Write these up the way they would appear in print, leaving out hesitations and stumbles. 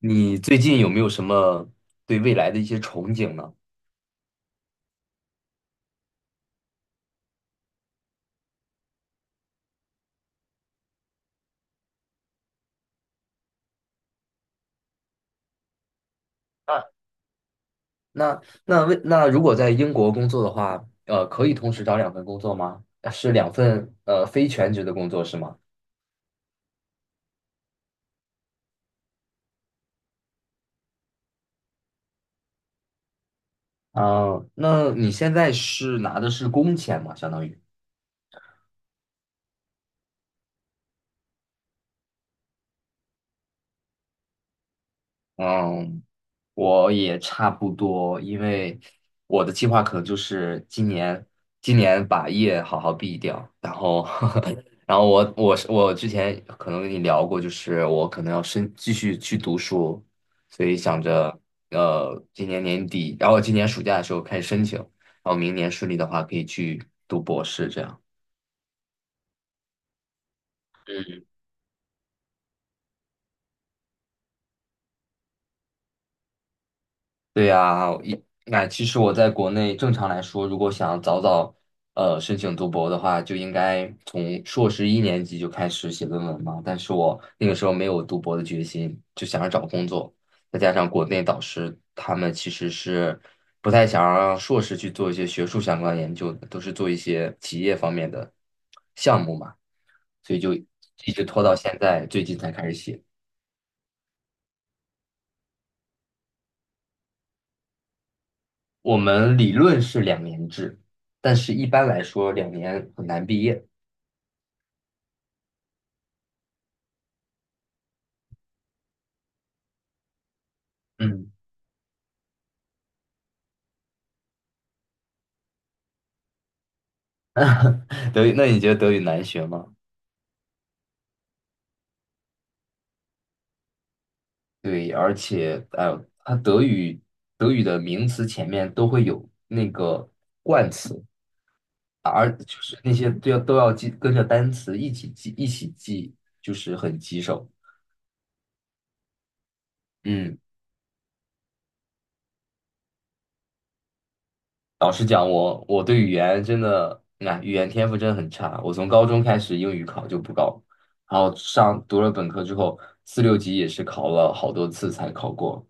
你最近有没有什么对未来的一些憧憬呢？啊，那如果在英国工作的话，可以同时找两份工作吗？呃是两份非全职的工作是吗？啊、那你现在是拿的是工钱吗？相当于，嗯，我也差不多，因为我的计划可能就是今年，今年把业好好毕掉，然后，然后我我是我之前可能跟你聊过，就是我可能要深继续去读书，所以想着今年年底，然后今年暑假的时候开始申请，然后明年顺利的话可以去读博士这样。对呀，那其实我在国内正常来说，如果想早早申请读博的话，就应该从硕士1年级就开始写论文嘛。但是我那个时候没有读博的决心，就想着找工作，再加上国内导师他们其实是不太想让硕士去做一些学术相关研究的，都是做一些企业方面的项目嘛，所以就一直拖到现在，最近才开始写。我们理论是2年制，但是一般来说两年很难毕业。嗯，德语，那你觉得德语难学吗？对，而且它德语的名词前面都会有那个冠词，而就是那些都要记跟着单词一起记，就是很棘手。嗯。老实讲，我对语言真的，那语言天赋真的很差。我从高中开始英语考就不高，然后上读了本科之后，四六级也是考了好多次才考过。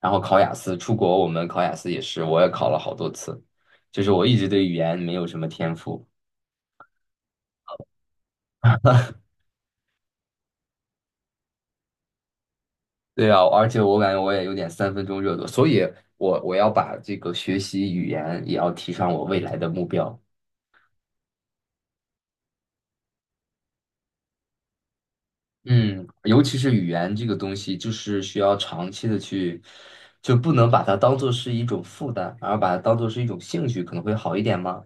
然后考雅思，出国我们考雅思也是，我也考了好多次。就是我一直对语言没有什么天赋。对啊，而且我感觉我也有点3分钟热度，所以我要把这个学习语言也要提上我未来的目标。嗯，尤其是语言这个东西，就是需要长期的去，就不能把它当做是一种负担，而把它当做是一种兴趣，可能会好一点吗？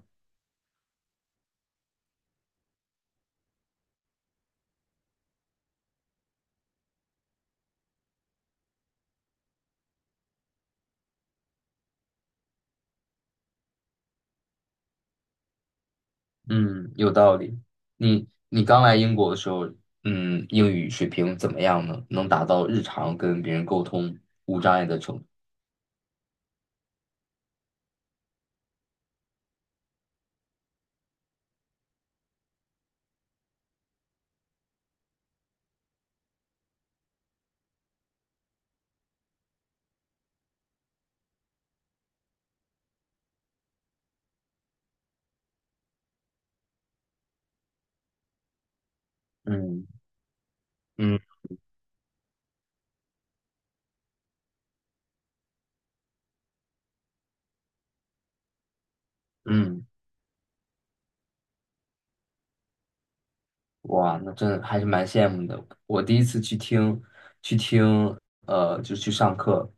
嗯，有道理。你刚来英国的时候，嗯，英语水平怎么样呢？能达到日常跟别人沟通无障碍的程度？嗯嗯嗯。哇，那真的还是蛮羡慕的。我第1次去听，去听，就去上课，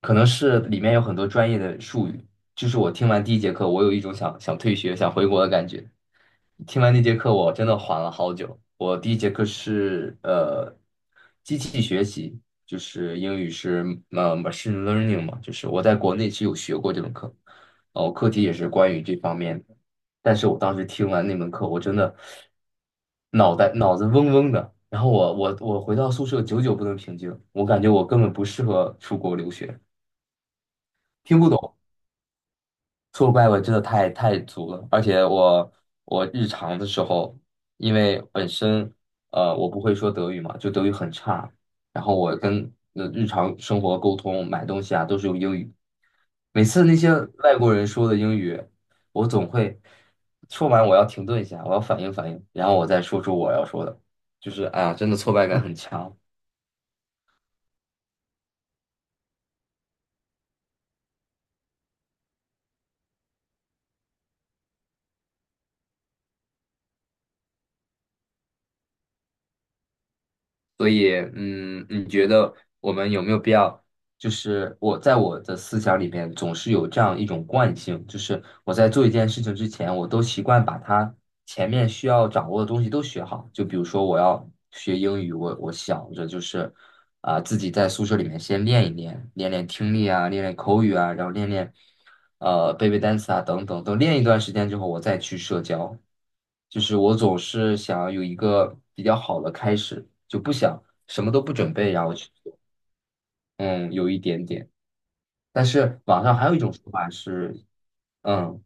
可能是里面有很多专业的术语，就是我听完第一节课，我有一种想退学、想回国的感觉。听完那节课，我真的缓了好久。我第一节课是机器学习，就是英语是machine learning 嘛，就是我在国内是有学过这门课，哦，课题也是关于这方面的。但是我当时听完那门课，我真的脑子嗡嗡的。然后我回到宿舍，久久不能平静，我感觉我根本不适合出国留学，听不懂。挫败感真的太足了，而且我我日常的时候，因为本身我不会说德语嘛，就德语很差，然后我跟日常生活沟通、买东西啊都是用英语，每次那些外国人说的英语，我总会说完我要停顿一下，我要反应反应，然后我再说出我要说的，就是哎呀，真的挫败感很强，所以嗯，你觉得我们有没有必要？就是我在我的思想里面总是有这样一种惯性，就是我在做一件事情之前，我都习惯把它前面需要掌握的东西都学好。就比如说我要学英语，我想着就是啊、自己在宿舍里面先练一练，练练听力啊，练练口语啊，然后练练背背单词啊等等。等练一段时间之后，我再去社交。就是我总是想要有一个比较好的开始，就不想什么都不准备，然后去做。嗯，有一点点。但是网上还有一种说法是，嗯，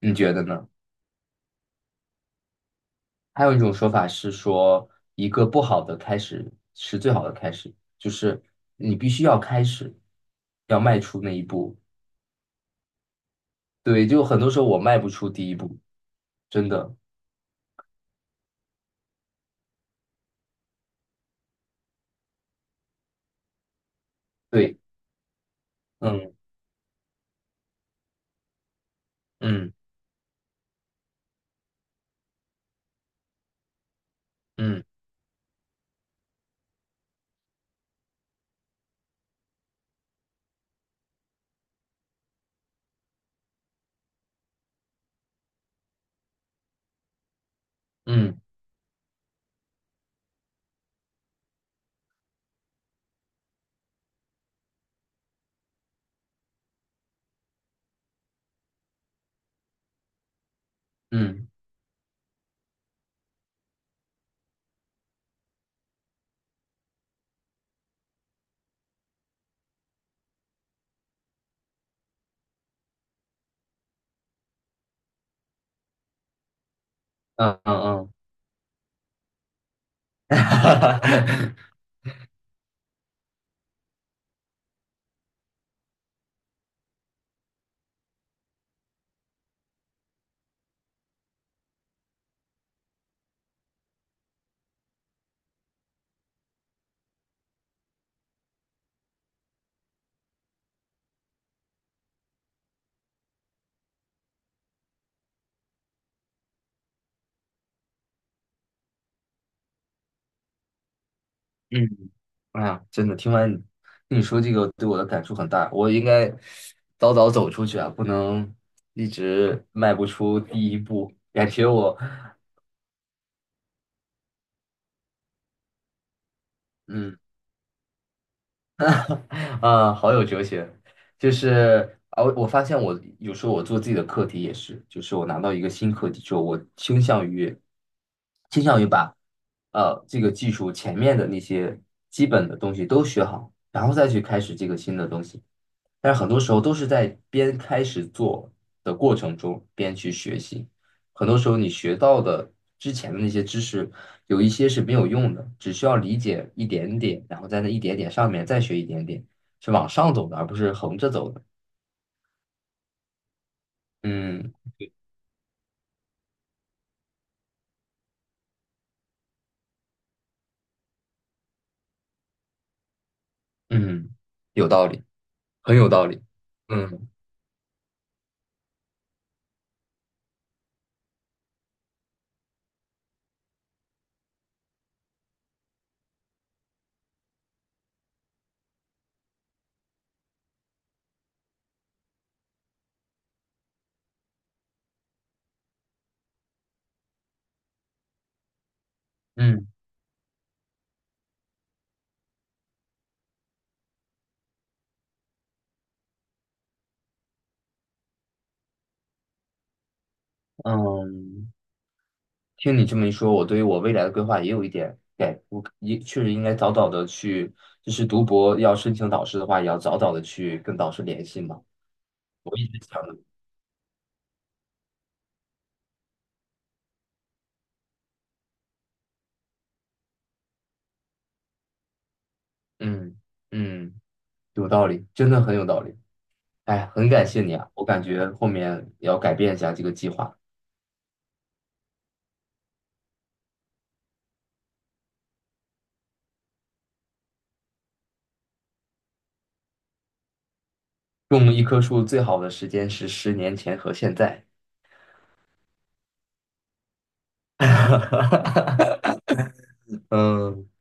你觉得呢？还有一种说法是说，一个不好的开始是最好的开始，就是你必须要开始，要迈出那一步。对，就很多时候我迈不出第一步，真的。对，嗯嗯嗯嗯嗯嗯嗯嗯，嗯，哎呀，真的，听完你说这个，对我的感触很大。我应该早早走出去啊，不能一直迈不出第一步。感觉我，嗯，啊，好有哲学。就是啊，我发现我有时候我做自己的课题也是，就是我拿到一个新课题之后，我倾向于把这个技术前面的那些基本的东西都学好，然后再去开始这个新的东西。但是很多时候都是在边开始做的过程中边去学习，很多时候你学到的之前的那些知识，有一些是没有用的，只需要理解一点点，然后在那一点点上面再学一点点，是往上走的，而不是横着走的。嗯嗯，有道理，很有道理。嗯嗯嗯。听你这么一说，我对于我未来的规划也有一点改，我也确实应该早早的去，就是读博要申请导师的话，也要早早的去跟导师联系嘛。我一直想的，嗯嗯，有道理，真的很有道理。哎，很感谢你啊，我感觉后面也要改变一下这个计划。种一棵树最好的时间是10年前和现在。嗯。